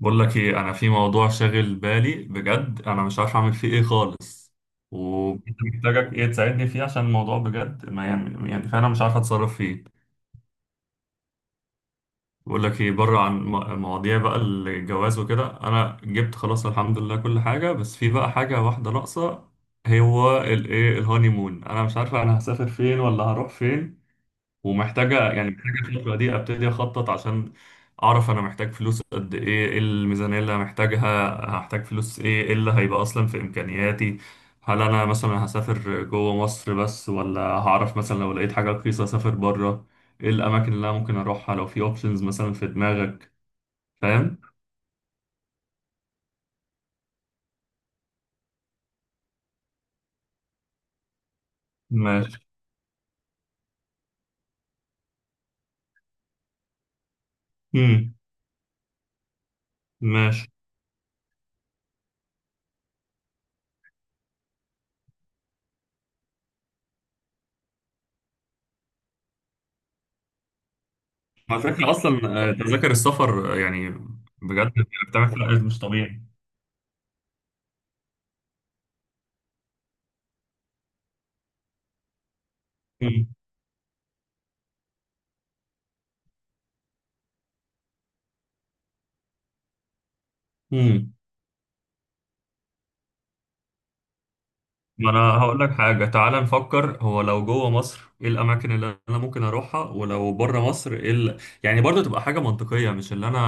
بقول لك ايه، انا في موضوع شاغل بالي بجد. انا مش عارف اعمل فيه ايه خالص، ومحتاجك ايه تساعدني فيه عشان الموضوع بجد ما يعني فعلا مش عارف اتصرف فيه. بقول لك ايه، بره عن مواضيع بقى الجواز وكده، انا جبت خلاص الحمد لله كل حاجه، بس في بقى حاجه واحده ناقصه. هو الايه، الهانيمون. انا مش عارف انا هسافر فين ولا هروح فين. ومحتاجة محتاجة الفترة دي أبتدي أخطط عشان أعرف أنا محتاج فلوس قد إيه، إيه الميزانية اللي محتاجها، هحتاج فلوس إيه، إيه اللي هيبقى أصلا في إمكانياتي. هل أنا مثلا هسافر جوه مصر بس، ولا هعرف مثلا لو لقيت حاجة رخيصة أسافر بره؟ إيه الأماكن اللي أنا ممكن أروحها لو في أوبشنز مثلا في دماغك؟ فاهم؟ ماشي. مم. ماشي. على فكرة أصلا تذاكر السفر يعني بجد بتعمل فرق مش طبيعي. مم. مم. ما انا هقول لك حاجه، تعال نفكر، هو لو جوه مصر ايه الاماكن اللي انا ممكن اروحها، ولو بره مصر ايه يعني برضه تبقى حاجه منطقيه، مش اللي انا،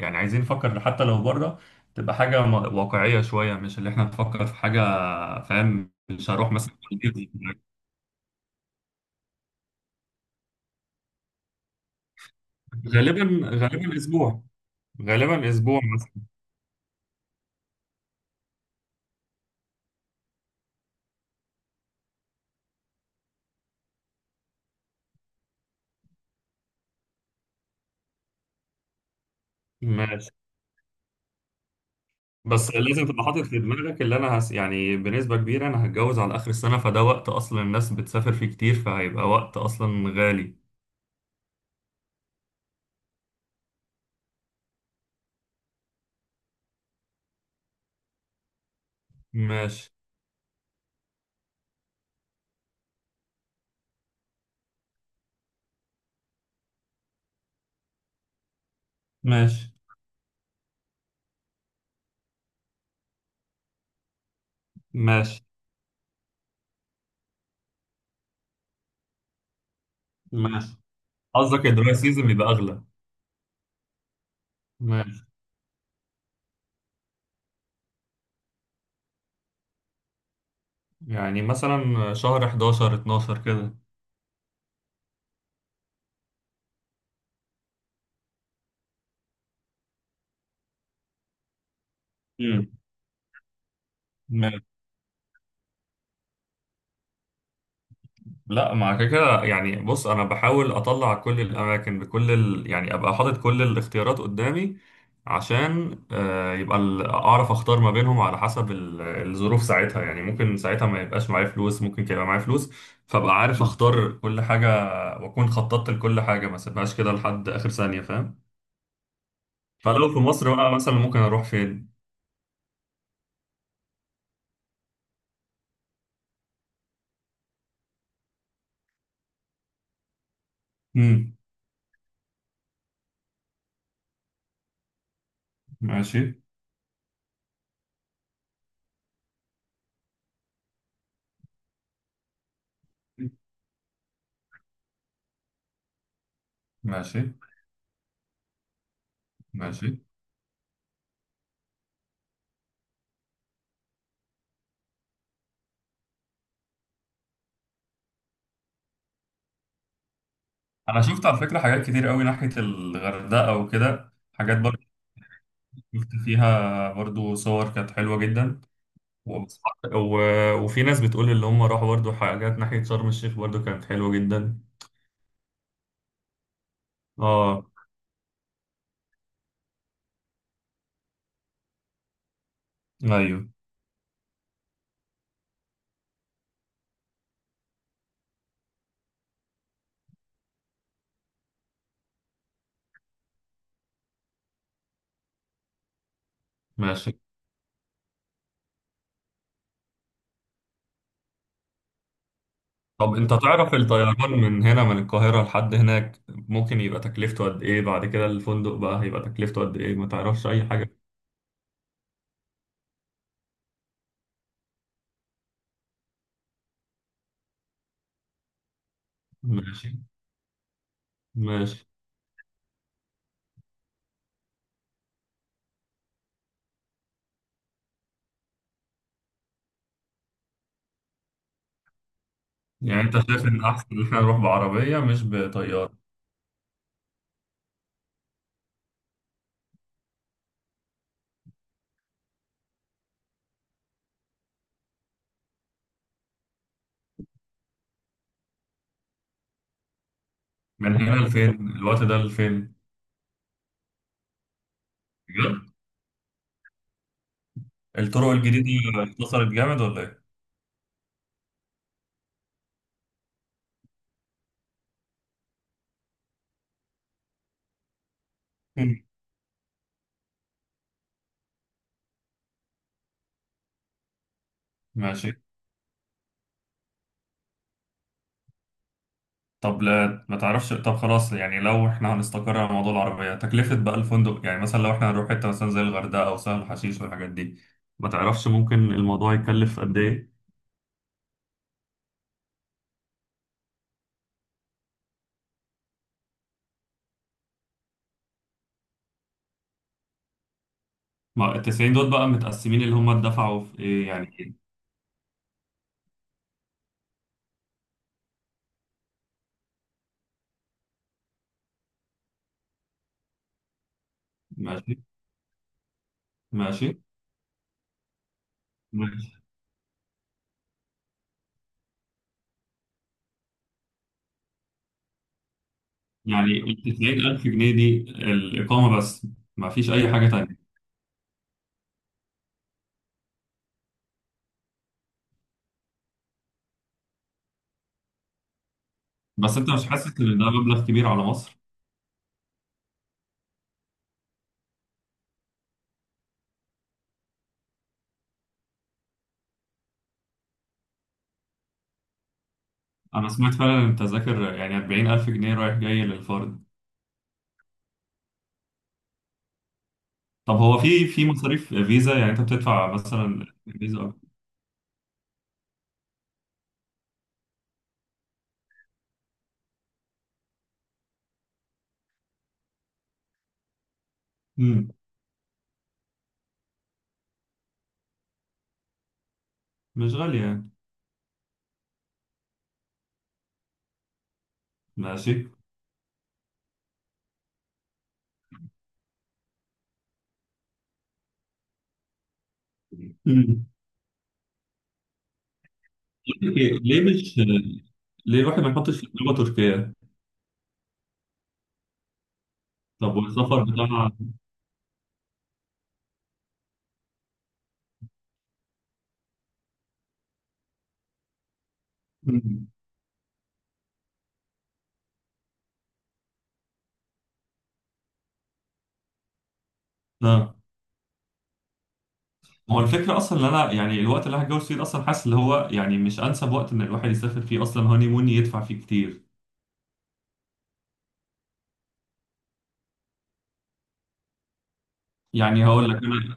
يعني عايزين نفكر حتى لو بره تبقى حاجه واقعيه شويه، مش اللي احنا نفكر في حاجه، فاهم؟ مش هروح مثلا. غالبا اسبوع. غالبا اسبوع مثلا. ماشي. بس لازم تبقى حاطط في دماغك اللي انا يعني بنسبه كبيره انا هتجوز على اخر السنه، فده وقت اصلا الناس بتسافر فيه كتير، فهيبقى وقت اصلا غالي. ماشي. ماشي. ماشي. ماشي. قصدك الدراي سيزون بيبقى اغلى. ماشي. يعني مثلا شهر 11 12 كده. امم. ماشي. لا مع كده كده، يعني بص، انا بحاول اطلع كل الاماكن بكل يعني ابقى حاطط كل الاختيارات قدامي، عشان يبقى اعرف اختار ما بينهم على حسب الظروف ساعتها. يعني ممكن ساعتها ما يبقاش معايا فلوس، ممكن يبقى معايا فلوس، فابقى عارف اختار كل حاجة، واكون خططت لكل حاجة، ما سيبهاش كده لحد اخر ثانية، فاهم؟ فلو في مصر بقى مثلا ممكن اروح فين؟ امم. ماشي ماشي. ماشي. انا شفت على فكره حاجات كتير قوي ناحيه الغردقه وكده، حاجات برضو شفت فيها برضو صور كانت حلوه جدا. وبس- و... وفي ناس بتقول اللي هم راحوا برضو حاجات ناحيه شرم الشيخ برضو كانت حلوه جدا. اه. ايوه. ماشي. طب انت تعرف الطيران من هنا من القاهره لحد هناك ممكن يبقى تكلفته قد ايه؟ بعد كده الفندق بقى هيبقى تكلفته قد ايه؟ ما تعرفش اي حاجه؟ ماشي. ماشي. يعني انت شايف ان احسن ان احنا نروح بعربيه مش بطياره؟ من هنا لفين؟ الوقت ده لفين؟ بجد؟ الطرق الجديده اختصرت جامد ولا ايه؟ مم. ماشي. طب لا ما تعرفش. طب خلاص، يعني لو احنا هنستقر على موضوع العربيه، تكلفه بقى الفندق يعني مثلا لو احنا هنروح حته مثلا زي الغردقه او سهل حشيش والحاجات دي، ما تعرفش ممكن الموضوع يكلف قد ايه؟ ما ال 90 دول بقى متقسمين اللي هم دفعوا في ايه يعني؟ ماشي. ماشي. يعني ال 90,000 جنيه دي الإقامة بس، ما فيش أي حاجة تانية؟ بس أنت مش حاسس إن ده مبلغ كبير على مصر؟ أنا سمعت فعلا إن التذاكر يعني 40,000 جنيه رايح جاي للفرد. طب هو في في مصاريف فيزا يعني أنت بتدفع مثلا فيزا أكتر؟ مم. مش غالية يعني. ماشي. مم. ليه ليه مش الواحد ما يحطش في دماغه تركيا؟ طب والسفر بتاع. مم. آه. هو الفكرة أصلا إن أنا يعني الوقت اللي هتجوز فيه ده أصلا حاسس اللي هو يعني مش أنسب وقت إن الواحد يسافر فيه أصلا هوني مون يدفع فيه كتير. يعني هقول لك أنا،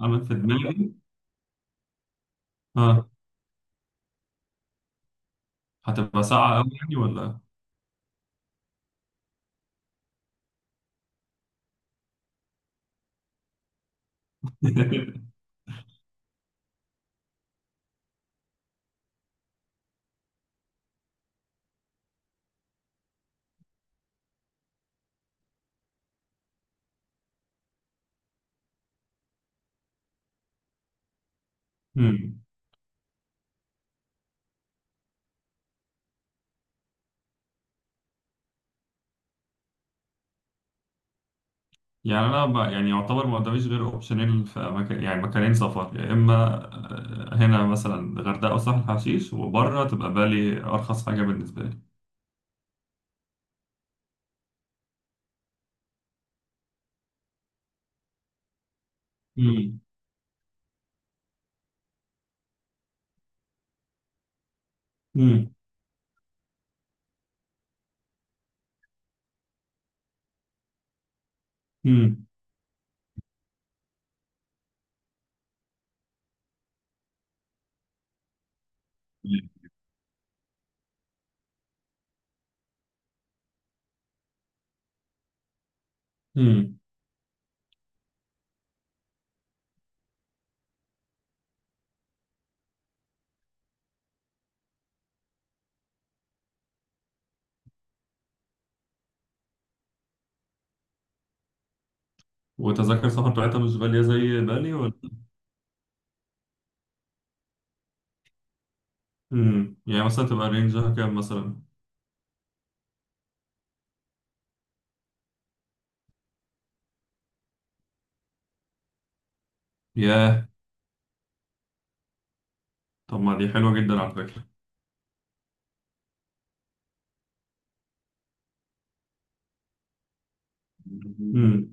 أنا في دماغي. ها. هتبقى ساعة أوي يعني ولا؟ هم. يعني أنا يعني يعتبر ما قداميش غير أوبشنين في مكان، يعني مكانين سفر، يا إما هنا مثلا غردقة وسهل حشيش، وبره تبقى بالي أرخص حاجة بالنسبة لي. هم. هم. هم. هم. وتذاكر سفر بتاعتها مش غالية زي بالي ولا؟ امم. يعني مثلا تبقى رينجها كام مثلا؟ ياه. طب ما دي حلوة جدا على فكرة. امم.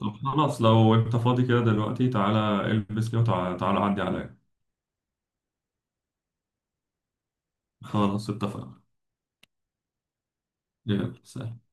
طب خلاص، لو انت فاضي كده دلوقتي تعالى البس كده وتعالى، عدي عليا. خلاص اتفقنا. يلا سلام.